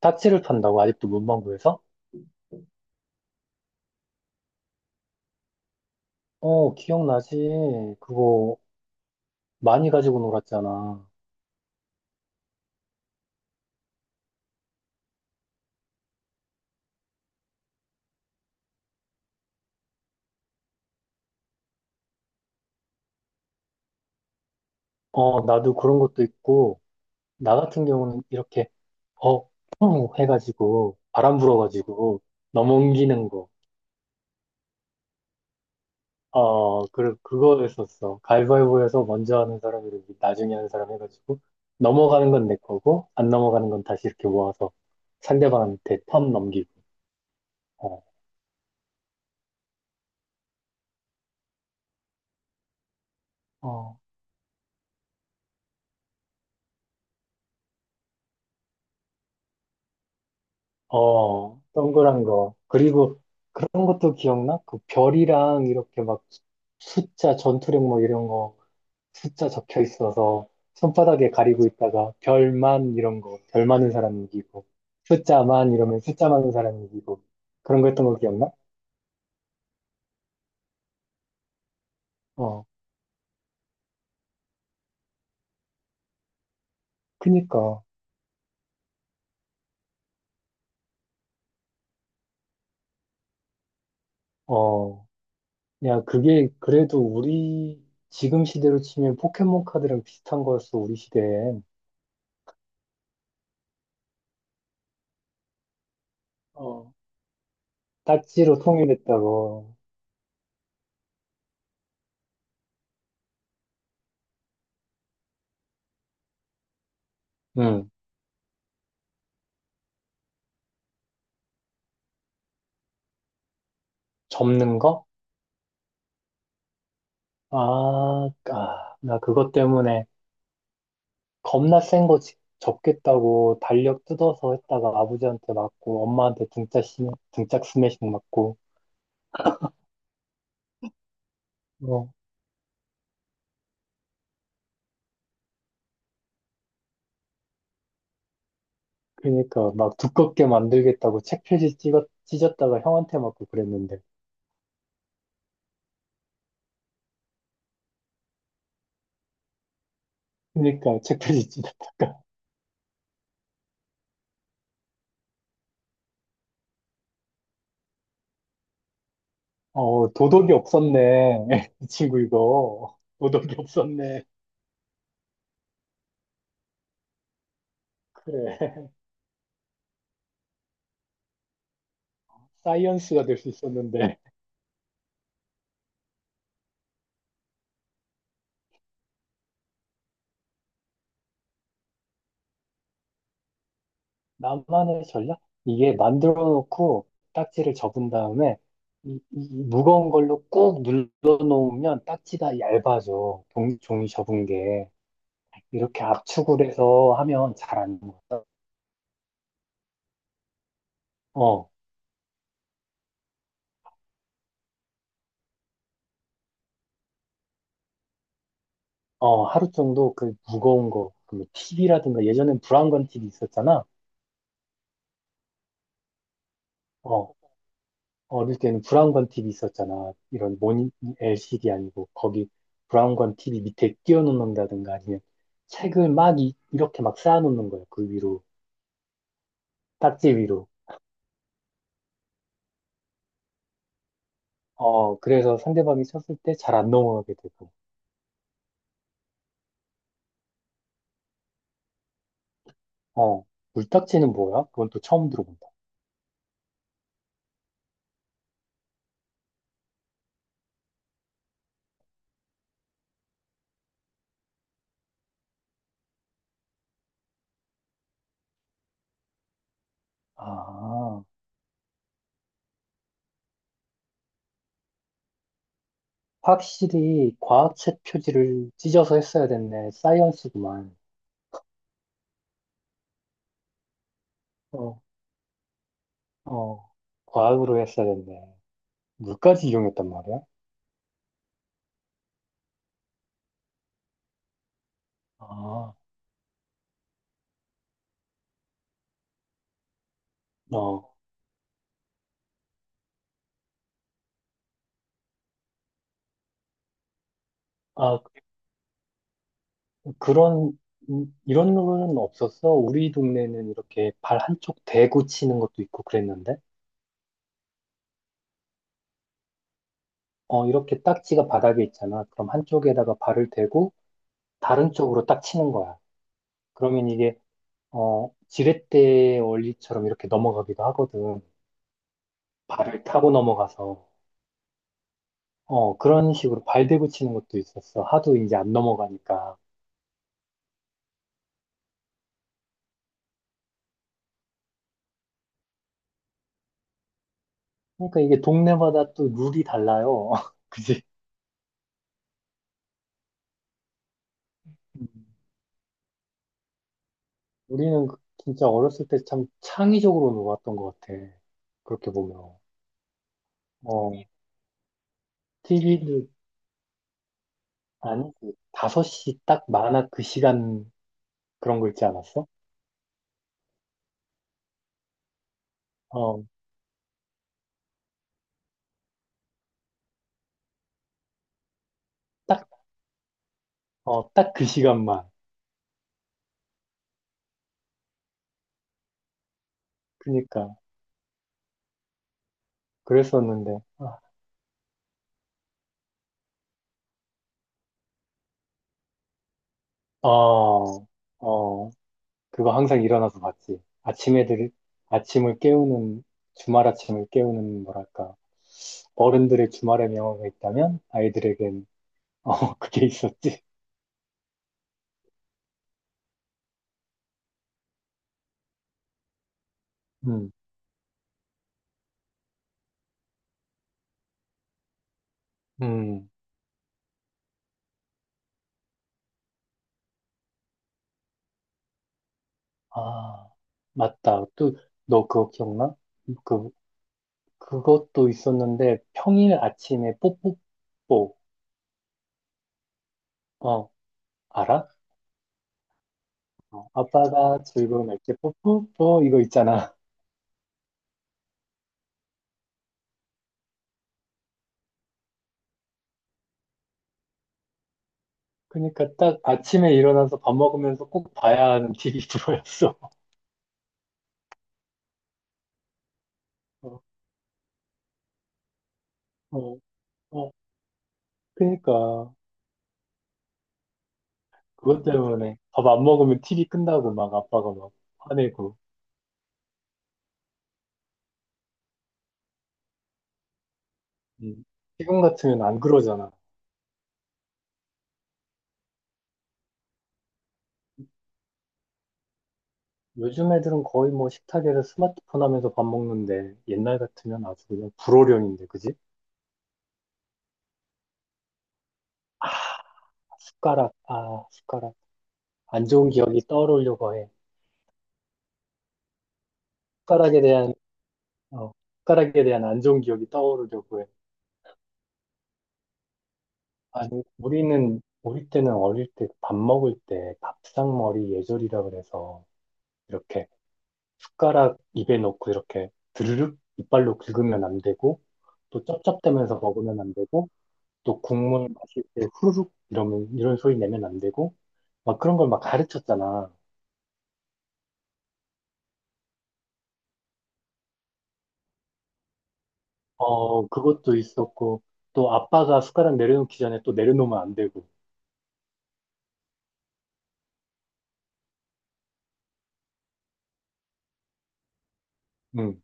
딱지를 판다고 아직도 문방구에서? 어, 기억나지. 그거 많이 가지고 놀았잖아. 어, 나도 그런 것도 있고, 나 같은 경우는 이렇게, 어, 펑 해가지고, 바람 불어가지고, 넘어옮기는 거. 어, 그거 했었어. 가위바위보에서 먼저 하는 사람이 이렇게 나중에 하는 사람 해가지고, 넘어가는 건 내 거고, 안 넘어가는 건 다시 이렇게 모아서 상대방한테 턴 넘기고. 어, 어, 어, 동그란 거. 그리고 그런 것도 기억나? 그 별이랑 이렇게 막 숫자, 전투력 뭐 이런 거 숫자 적혀 있어서 손바닥에 가리고 있다가 별만 이런 거, 별 많은 사람 이기고 숫자만 이러면 숫자 많은 사람 이기고 그런 거 했던 거 기억나? 어, 그니까, 어, 야, 그게 그래도 우리 지금 시대로 치면 포켓몬 카드랑 비슷한 거였어, 우리 시대엔. 어, 딱지로 통일했다고. 응, 접는 거? 아, 아, 나 그것 때문에 겁나 센 거 접겠다고 달력 뜯어서 했다가 아버지한테 맞고 엄마한테 등짝 스매싱 맞고. 어 그러니까 막 두껍게 만들겠다고 책 표지 었 찢었다가 형한테 맞고 그랬는데. 그러니까 책 표지 찢었다가 어, 도덕이 없었네. 이 친구 이거 도덕이 없었네. 그래. 사이언스가 될 수 있었는데. 나만의 전략? 이게 만들어 놓고 딱지를 접은 다음에 이 무거운 걸로 꾹 눌러 놓으면 딱지가 얇아져. 종이 접은 게. 이렇게 압축을 해서 하면 잘 안 먹어. 어, 어, 하루 정도 그 무거운 거, 그 TV라든가 예전엔 브라운관 TV 있었잖아. 어, 어릴 때는 브라운관 TV 있었잖아. 이런 모니, LCD 아니고 거기 브라운관 TV 밑에 끼워 놓는다든가 아니면 책을 막 렇게막 쌓아놓는 거야. 그 위로 딱지 위로. 어, 그래서 상대방이 쳤을 때 잘 안 넘어가게 되고. 어, 물딱지는 뭐야? 그건 또 처음 들어본다. 아, 확실히 과학책 표지를 찢어서 했어야 됐네. 사이언스구만. 어, 어, 과학으로 했어야 됐네. 물까지 이용했단 말이야? 아, 어, 아, 그런, 이런 룰은 없었어. 우리 동네는 이렇게 발 한쪽 대고 치는 것도 있고 그랬는데. 어, 이렇게 딱지가 바닥에 있잖아. 그럼 한쪽에다가 발을 대고 다른 쪽으로 딱 치는 거야. 그러면 이게 지렛대 원리처럼 이렇게 넘어가기도 하거든. 발을 타고 넘어가서 그런 식으로 발 대고 치는 것도 있었어. 하도 이제 안 넘어가니까. 그러니까 이게 동네마다 또 룰이 달라요. 그지? 음. 우리는 진짜 어렸을 때 참 창의적으로 놀았던 것 같아. 그렇게 보면. 어, 티비도 아니, 그 5시 딱 만화 그 시간 그런 거 있지 않았어? 어, 딱, 딱 그 시간만. 그니까. 그랬었는데, 어, 어, 그거 항상 일어나서 봤지. 아침을 깨우는, 주말 아침을 깨우는, 뭐랄까, 어른들의 주말의 명언가 있다면, 아이들에겐, 어, 그게 있었지. 음, 음, 아, 맞다. 또, 너 그거 기억나? 그, 그것도 있었는데, 평일 아침에 뽀뽀뽀, 어, 알아? 어, 아빠가 즐거운 날때 뽀뽀뽀, 이거 있잖아. 그러니까 딱 아침에 일어나서 밥 먹으면서 꼭 봐야 하는 TV 프로였어. 어, 어, 어. 그러니까 그것 때문에 밥 안 먹으면 TV 끈다고 막 아빠가 막 화내고. 음. 지금 같으면 안 그러잖아. 요즘 애들은 거의 뭐 식탁에서 스마트폰 하면서 밥 먹는데 옛날 같으면 아주 그냥 불호령인데, 그지? 숟가락, 아, 숟가락. 안 좋은 기억이 떠오르려고 해. 숟가락에 대한, 어, 숟가락에 대한 안 좋은 기억이 떠오르려고 해. 아니, 우리는 어릴 때 밥 먹을 때 밥상머리 예절이라 그래서 이렇게 숟가락 입에 넣고 이렇게 드르륵 이빨로 긁으면 안 되고 또 쩝쩝대면서 먹으면 안 되고 또 국물 마실 때 후루룩 이러면 이런 소리 내면 안 되고 막 그런 걸 막 가르쳤잖아. 어, 그것도 있었고 또 아빠가 숟가락 내려놓기 전에 또 내려놓으면 안 되고. 응.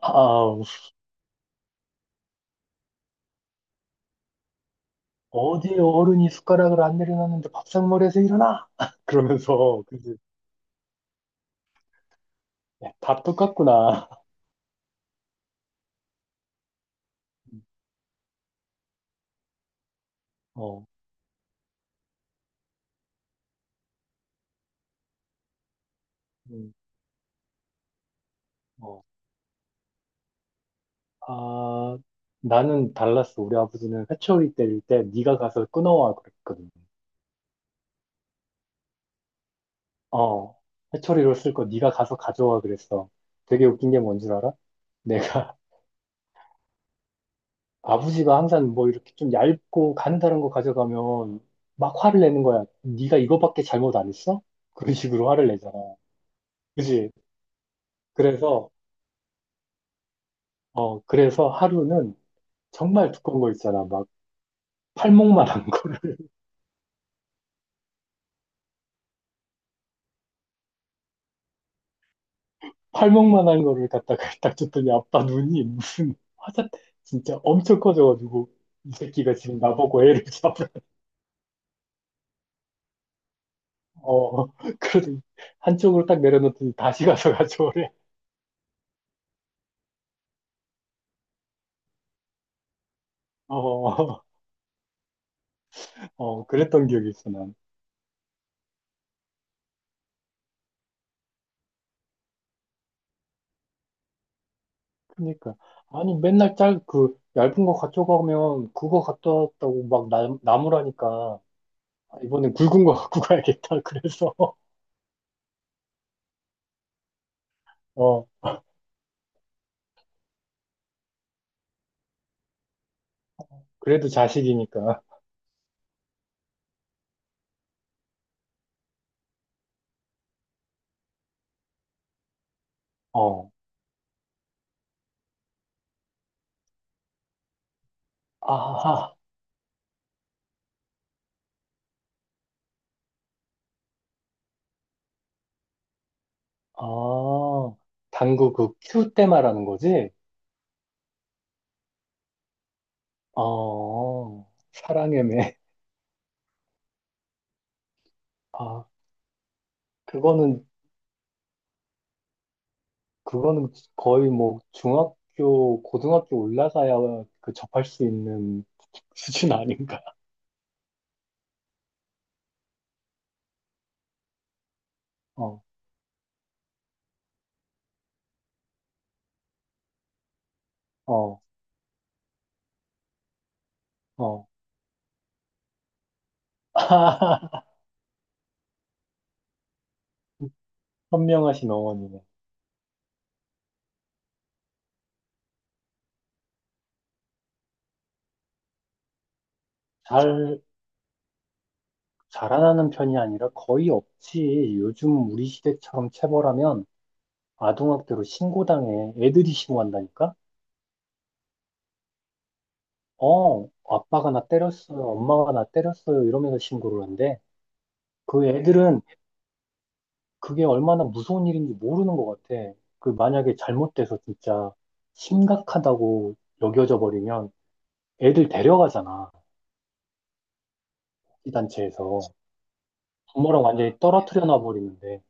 아, 어디 어른이 숟가락을 안 내려놨는데 밥상머리에서 일어나! 그러면서 그치? 야, 다 똑같구나. 어, 음, 어. 아, 나는 달랐어. 우리 아버지는 회초리 때릴 때 네가 가서 끊어와 그랬거든. 어, 회초리로 쓸 거 네가 가서 가져와 그랬어. 되게 웃긴 게 뭔 줄 알아? 내가 아버지가 항상 뭐 이렇게 좀 얇고 가느다란 거 가져가면 막 화를 내는 거야. 네가 이거밖에 잘못 안 했어? 그런 식으로 화를 내잖아. 그지? 그래서 그래서 하루는 정말 두꺼운 거 있잖아. 막 팔목만한 거. 팔목만한 거를 갖다가 딱 줬더니 아빠 눈이 무슨 화자 진짜 엄청 커져가지고. 이 새끼가 지금 나보고 애를 잡으라. 어 그러더니 한쪽으로 딱 내려놓더니 다시 가서 가져오래. 어, 어 어. 어, 그랬던 기억이 있어 난. 그러니까 아니 맨날 짤 그 얇은 거 가져가면 그거 갖다 왔다고 막 나무라니까 아, 이번엔 굵은 거 갖고 가야겠다 그래서. 어, 그래도 자식이니까. 어, 아, 아, 당구 그 큐 때 말하는 거지? 어, 사랑의 매. 아, 그거는, 그거는 거의 뭐 중학교, 고등학교 올라가야 그 접할 수 있는 수준 아닌가? 어, 어, 어. 현명하신 어머니네. 잘, 자라나는 편이 아니라 거의 없지. 요즘 우리 시대처럼 체벌하면 아동학대로 신고당해. 애들이 신고한다니까? 어, 아빠가 나 때렸어요. 엄마가 나 때렸어요. 이러면서 신고를 한대. 그 애들은 그게 얼마나 무서운 일인지 모르는 것 같아. 그 만약에 잘못돼서 진짜 심각하다고 여겨져 버리면 애들 데려가잖아. 이 단체에서. 부모랑 완전히 떨어뜨려 놔 버리는데.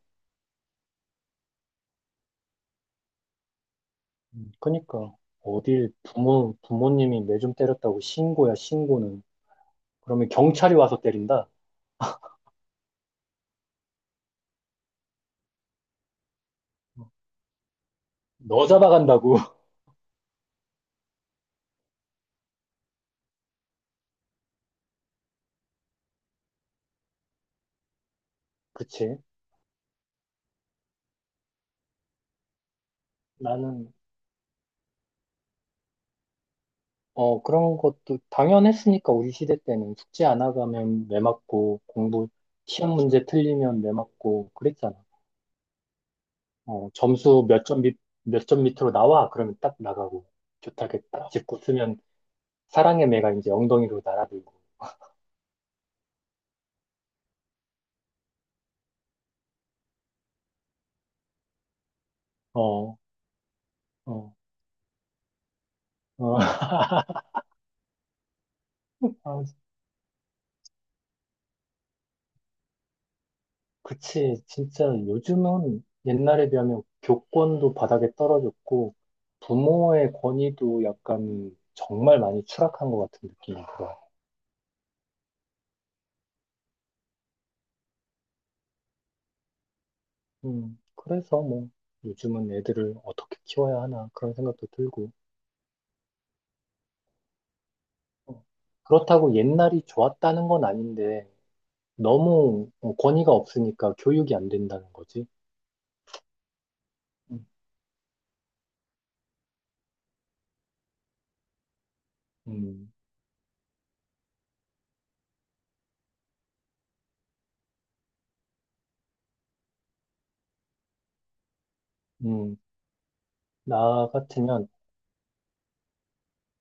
그러니까 어딜 부모님이 매 좀 때렸다고 신고야, 신고는. 그러면 경찰이 와서 때린다? 너 잡아간다고. 그치? 나는 그런 것도 당연했으니까 우리 시대 때는 숙제 안 하가면 매 맞고 공부 시험 문제 틀리면 매 맞고 그랬잖아. 어, 점수 몇 점 밑으로 나와 그러면 딱 나가고 좋다게 딱 짚고 쓰면 사랑의 매가 이제 엉덩이로 날아들고. 어, 어, 어. 아, 그치. 진짜 요즘은 옛날에 비하면 교권도 바닥에 떨어졌고 부모의 권위도 약간 정말 많이 추락한 것 같은 느낌이 들어. 그래서 뭐 요즘은 애들을 어떻게 키워야 하나 그런 생각도 들고. 어, 그렇다고 옛날이 좋았다는 건 아닌데 너무 권위가 없으니까 교육이 안 된다는 거지. 음, 음, 음, 나 같으면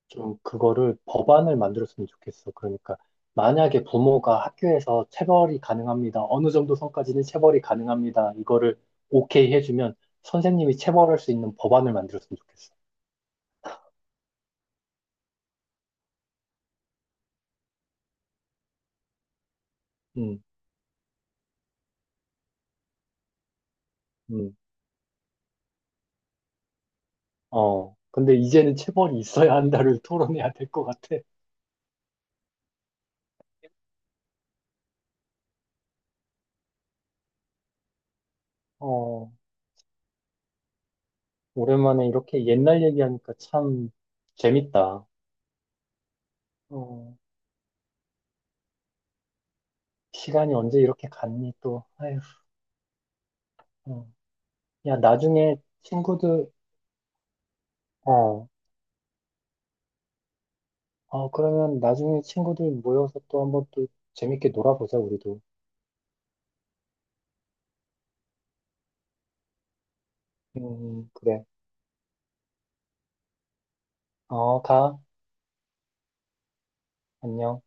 좀 그거를 법안을 만들었으면 좋겠어. 그러니까 만약에 부모가 학교에서 체벌이 가능합니다. 어느 정도 선까지는 체벌이 가능합니다. 이거를 오케이 해주면 선생님이 체벌할 수 있는 법안을 만들었으면 좋겠어. 음, 음. 어, 근데 이제는 체벌이 있어야 한다를 토론해야 될 것 같아. 어, 오랜만에 이렇게 옛날 얘기하니까 참 재밌다. 어, 시간이 언제 이렇게 갔니 또. 아휴, 어. 야, 나중에 친구들, 어, 어, 그러면 나중에 친구들 모여서 또 한번 또 재밌게 놀아보자, 우리도. 그래. 어, 가. 안녕.